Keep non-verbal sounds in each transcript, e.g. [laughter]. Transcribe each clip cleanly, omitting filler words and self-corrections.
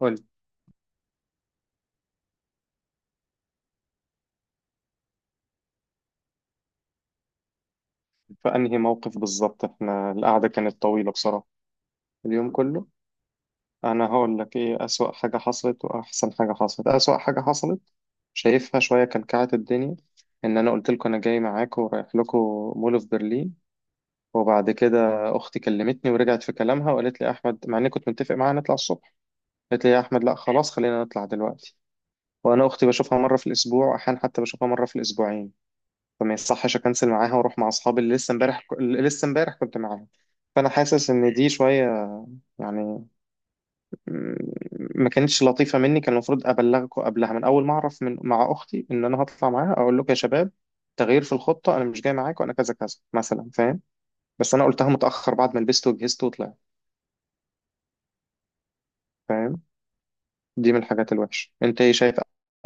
قول. في انهي موقف بالظبط؟ احنا القعده كانت طويله بصراحه، اليوم كله. انا هقول لك ايه اسوأ حاجه حصلت واحسن حاجه حصلت. اسوأ حاجه حصلت، شايفها شويه كلكعت الدنيا، ان انا قلت لكم انا جاي معاكم ورايح لكم مول في برلين، وبعد كده اختي كلمتني ورجعت في كلامها وقالت لي يا احمد، مع اني كنت متفق معاها نطلع الصبح، قالت لي يا احمد لا خلاص خلينا نطلع دلوقتي. وانا اختي بشوفها مره في الاسبوع، احيانا حتى بشوفها مره في الاسبوعين، فما يصحش اكنسل معاها واروح مع اصحابي اللي لسه امبارح كنت معاهم. فانا حاسس ان دي شويه، يعني، م- ما كانتش لطيفه مني. كان المفروض ابلغكم قبلها، من اول ما اعرف من مع اختي ان انا هطلع معاها اقول لكم يا شباب، تغيير في الخطه انا مش جاي معاكم، انا كذا كذا مثلا، فاهم؟ بس انا قلتها متاخر، بعد ما لبست وجهزت وطلعت، فاهم؟ دي من الحاجات الوحشه. انت ايه شايف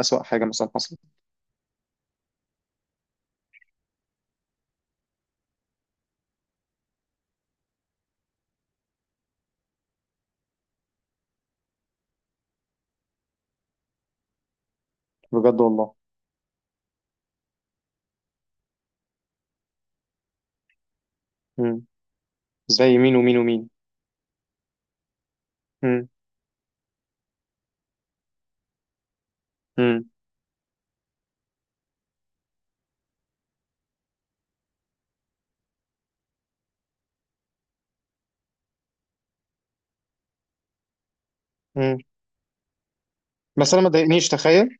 اسوأ حاجه مثلا حصلت؟ بجد والله. مم. زي مين ومين ومين؟ مم. مم. مم. بس انا ما ضايقنيش، تخيل.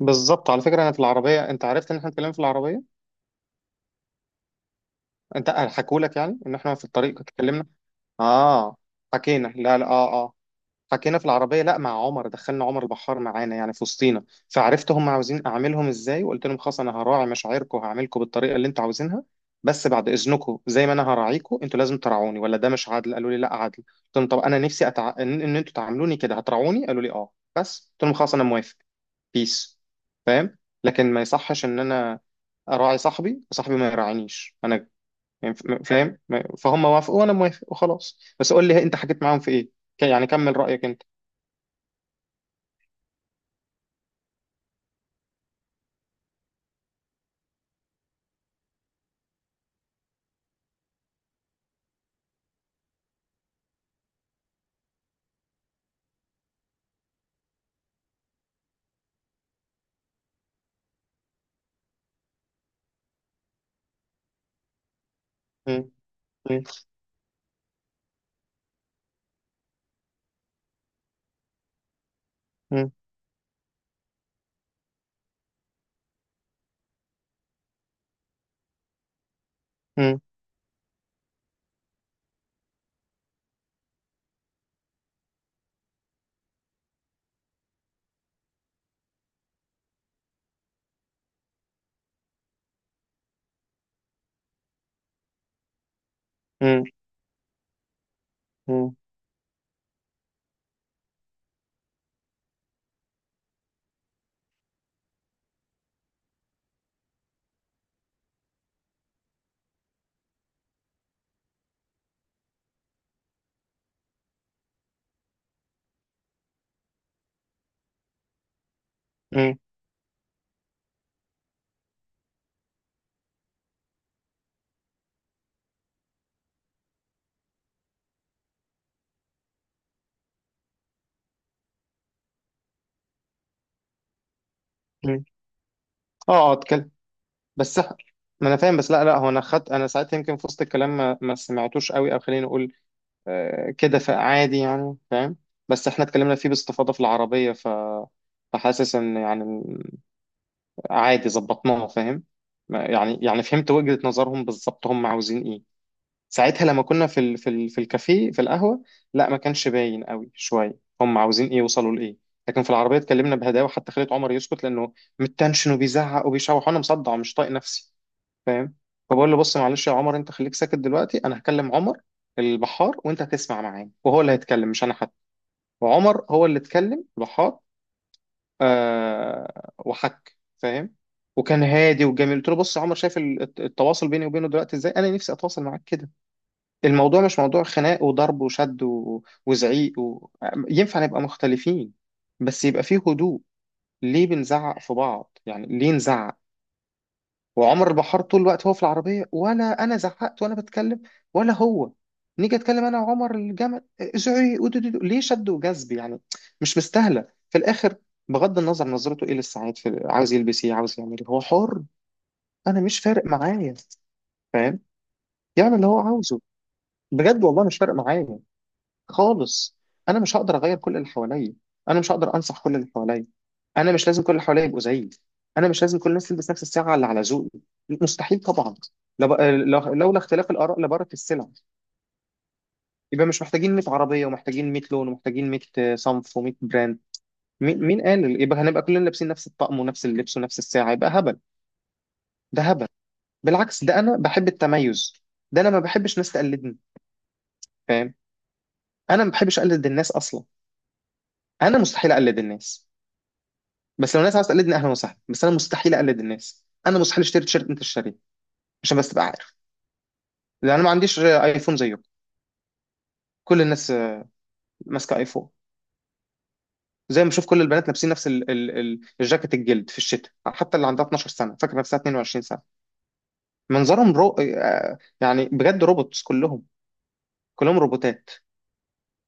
بالظبط، على فكره، انا في العربيه، انت عرفت ان احنا اتكلمنا في العربيه؟ انت حكوا لك يعني ان احنا في الطريق اتكلمنا؟ اه، حكينا، لا لا، اه اه، حكينا في العربيه. لا، مع عمر، دخلنا عمر البحار معانا يعني في وسطينا. فعرفت هم عاوزين اعملهم ازاي، وقلت لهم خلاص انا هراعي مشاعركم وهعملكم بالطريقه اللي انتوا عاوزينها. بس بعد اذنكم، زي ما انا هراعيكم انتوا لازم تراعوني، ولا ده مش عادل؟ قالوا لي لا عادل. قلت لهم طب انا نفسي ان إن انتوا تعاملوني كده، هتراعوني؟ قالوا لي اه. بس قلت لهم خلاص انا موافق. بيس. فاهم؟ لكن ما يصحش ان انا اراعي صاحبي، صاحبي ما يراعينيش انا. يعني، فاهم؟ فهم وافقوا وانا موافق وخلاص. بس قول لي انت حكيت معاهم في ايه. يعني كمل رايك انت. مم. مم. مم. مم. مم. مم. مم. مم. اه اه، اتكلم. بس ما انا فاهم. بس لا لا، هو انا خدت، انا ساعتها يمكن في وسط الكلام ما سمعتوش قوي، او خليني اقول آه كده، فعادي يعني، فاهم؟ بس احنا اتكلمنا فيه باستفاضه في العربيه، ف، فحاسس ان يعني عادي، ظبطناها، فاهم؟ يعني يعني فهمت وجهة نظرهم بالظبط هم عاوزين ايه. ساعتها لما كنا في الكافيه، في القهوه، لا ما كانش باين قوي شويه هم عاوزين ايه، يوصلوا لايه. لكن في العربيه اتكلمنا بهداوه، حتى خليت عمر يسكت لانه متنشن وبيزعق وبيشوح، وانا مصدع ومش طايق نفسي، فاهم؟ فبقول له بص معلش يا عمر، انت خليك ساكت دلوقتي، انا هكلم عمر البحار وانت هتسمع معاه، وهو اللي هيتكلم مش انا حتى. وعمر هو اللي اتكلم، البحار. آه، وحك، فاهم؟ وكان هادي وجميل. قلت له بص يا عمر شايف التواصل بيني وبينه دلوقتي ازاي؟ انا نفسي اتواصل معاك كده. الموضوع مش موضوع خناق وضرب وشد وزعيق ينفع نبقى مختلفين، بس يبقى فيه هدوء. ليه بنزعق في بعض؟ يعني ليه نزعق؟ وعمر البحار طول الوقت هو في العربية، ولا أنا زعقت وأنا بتكلم؟ ولا هو؟ نيجي أتكلم أنا وعمر الجمل، زعيق ودودودو. ليه شد وجذب يعني؟ مش مستاهلة في الآخر. بغض النظر نظرته إيه للسعيد، عاوز يلبس إيه، عاوز يعمل إيه، هو حر. أنا مش فارق معايا، فاهم؟ يعمل اللي هو عاوزه. بجد والله، مش فارق معايا خالص. انا مش هقدر اغير كل اللي حواليا، انا مش هقدر انصح كل اللي حواليا، انا مش لازم كل اللي حواليا يبقوا زيي، انا مش لازم كل الناس تلبس نفس الساعه اللي على ذوقي، مستحيل طبعا. لولا اختلاف الاراء لبارت السلع. يبقى مش محتاجين 100 عربيه، ومحتاجين 100 لون، ومحتاجين 100 صنف، و100 براند. مين قال يبقى هنبقى كلنا لابسين نفس الطقم ونفس اللبس ونفس الساعه؟ يبقى هبل، ده هبل. بالعكس، ده انا بحب التميز، ده انا ما بحبش ناس تقلدني، فاهم؟ انا ما بحبش اقلد الناس اصلا، انا مستحيل اقلد الناس. بس لو الناس عاوز تقلدني، اهلا وسهلا. بس انا مستحيل اقلد الناس، انا مستحيل اشتري تيشيرت انت شاريه عشان بس تبقى عارف. لان انا ما عنديش ايفون زيكم. كل الناس ماسكه ايفون. زي ما بشوف كل البنات لابسين نفس ال الجاكيت الجلد في الشتاء، حتى اللي عندها 12 سنه فاكره نفسها 22 سنه. منظرهم رو... يعني بجد روبوتس كلهم، كلهم روبوتات،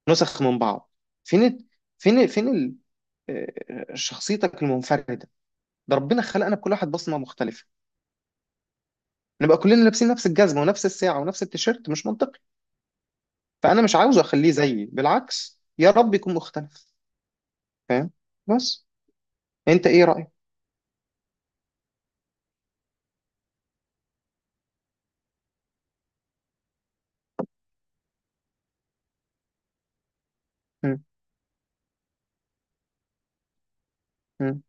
نسخ من بعض. فين ال- فين شخصيتك المنفرده؟ ده ربنا خلقنا بكل واحد بصمه مختلفه. نبقى كلنا لابسين نفس الجزمه ونفس الساعه ونفس التيشيرت؟ مش منطقي. فانا مش عاوزه اخليه زيي، بالعكس يا رب يكون مختلف، فاهم؟ بس انت ايه رايك؟ مم. مم.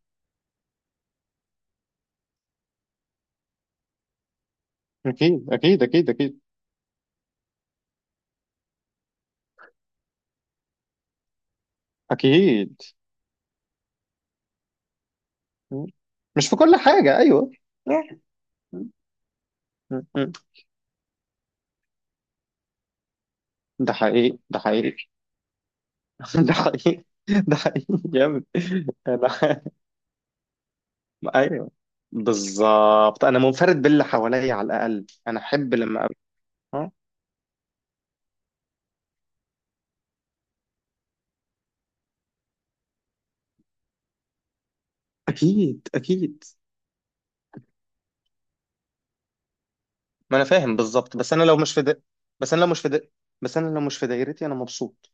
اكيد اكيد اكيد اكيد اكيد. مم. مش في كل حاجه، ايوه. مم. مم. ده حقيقي، ده حقيقي. [laughs] ده حقيقي، ده حقيقي جامد. انا، [laughs] ايوه، بالظبط، انا منفرد باللي حواليا، على الاقل انا احب لما أبقى. آه. اكيد اكيد. ما انا فاهم بالظبط، بس انا لو مش بس انا لو مش بس انا لو مش في دايرتي انا مبسوط،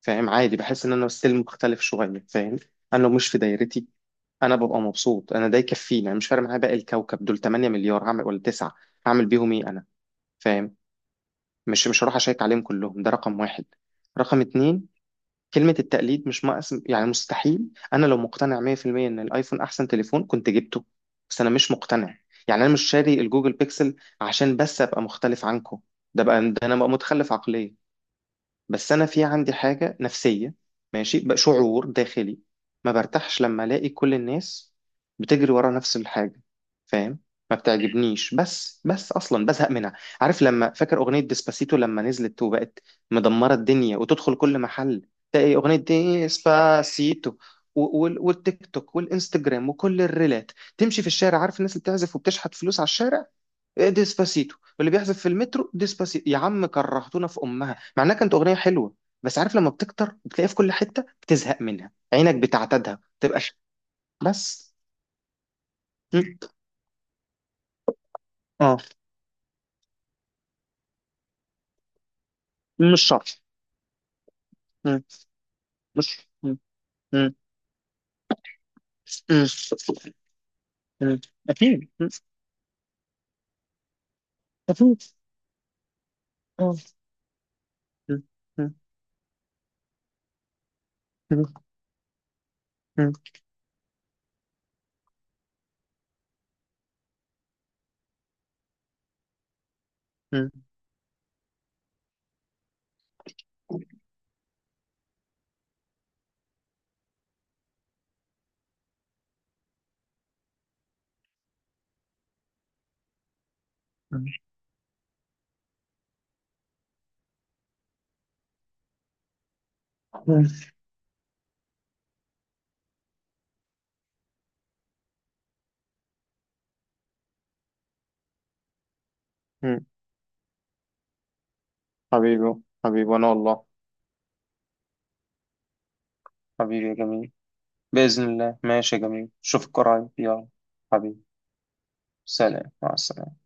فاهم؟ عادي، بحس ان انا ستيل مختلف شويه، فاهم؟ انا لو مش في دايرتي انا ببقى مبسوط، انا ده يكفيني. انا مش فارق معايا باقي الكوكب دول، 8 مليار هعمل ولا 9، هعمل بيهم ايه انا؟ فاهم؟ مش هروح اشيك عليهم كلهم، ده رقم واحد. رقم اتنين، كلمة التقليد مش ناقص يعني، مستحيل. انا لو مقتنع 100% ان الايفون احسن تليفون كنت جبته، بس انا مش مقتنع. يعني انا مش شاري الجوجل بيكسل عشان بس ابقى مختلف عنكم، ده بقى، ده انا بقى متخلف عقليا. بس انا في عندي حاجه نفسيه، ماشي بقى، شعور داخلي، ما برتاحش لما الاقي كل الناس بتجري ورا نفس الحاجه، فاهم؟ ما بتعجبنيش، بس اصلا بزهق منها. عارف لما، فاكر اغنيه ديسباسيتو لما نزلت وبقت مدمره الدنيا، وتدخل كل محل تلاقي اغنيه ديسباسيتو، والتيك توك والانستجرام وكل الريلات، تمشي في الشارع، عارف الناس اللي بتعزف وبتشحت فلوس على الشارع، ديسباسيتو، واللي بيحذف في المترو، ديسباسيتو. يا عم كرهتونا في امها، مع انها كانت اغنيه حلوه، بس عارف لما بتكتر بتلاقيها في كل حته بتزهق منها، عينك بتعتادها تبقاش. بس. م. اه، مش شرط. م. مش. م. م. م. م. اكيد. م. اكيد. آه. م. م. م. م. م. م. م. حبيبي، حبيبي، انا والله. حبيبي يا جميل. بإذن الله، ماشي يا جميل، اشوفك قريب، يلا. حبيبي. سلام، مع السلامة.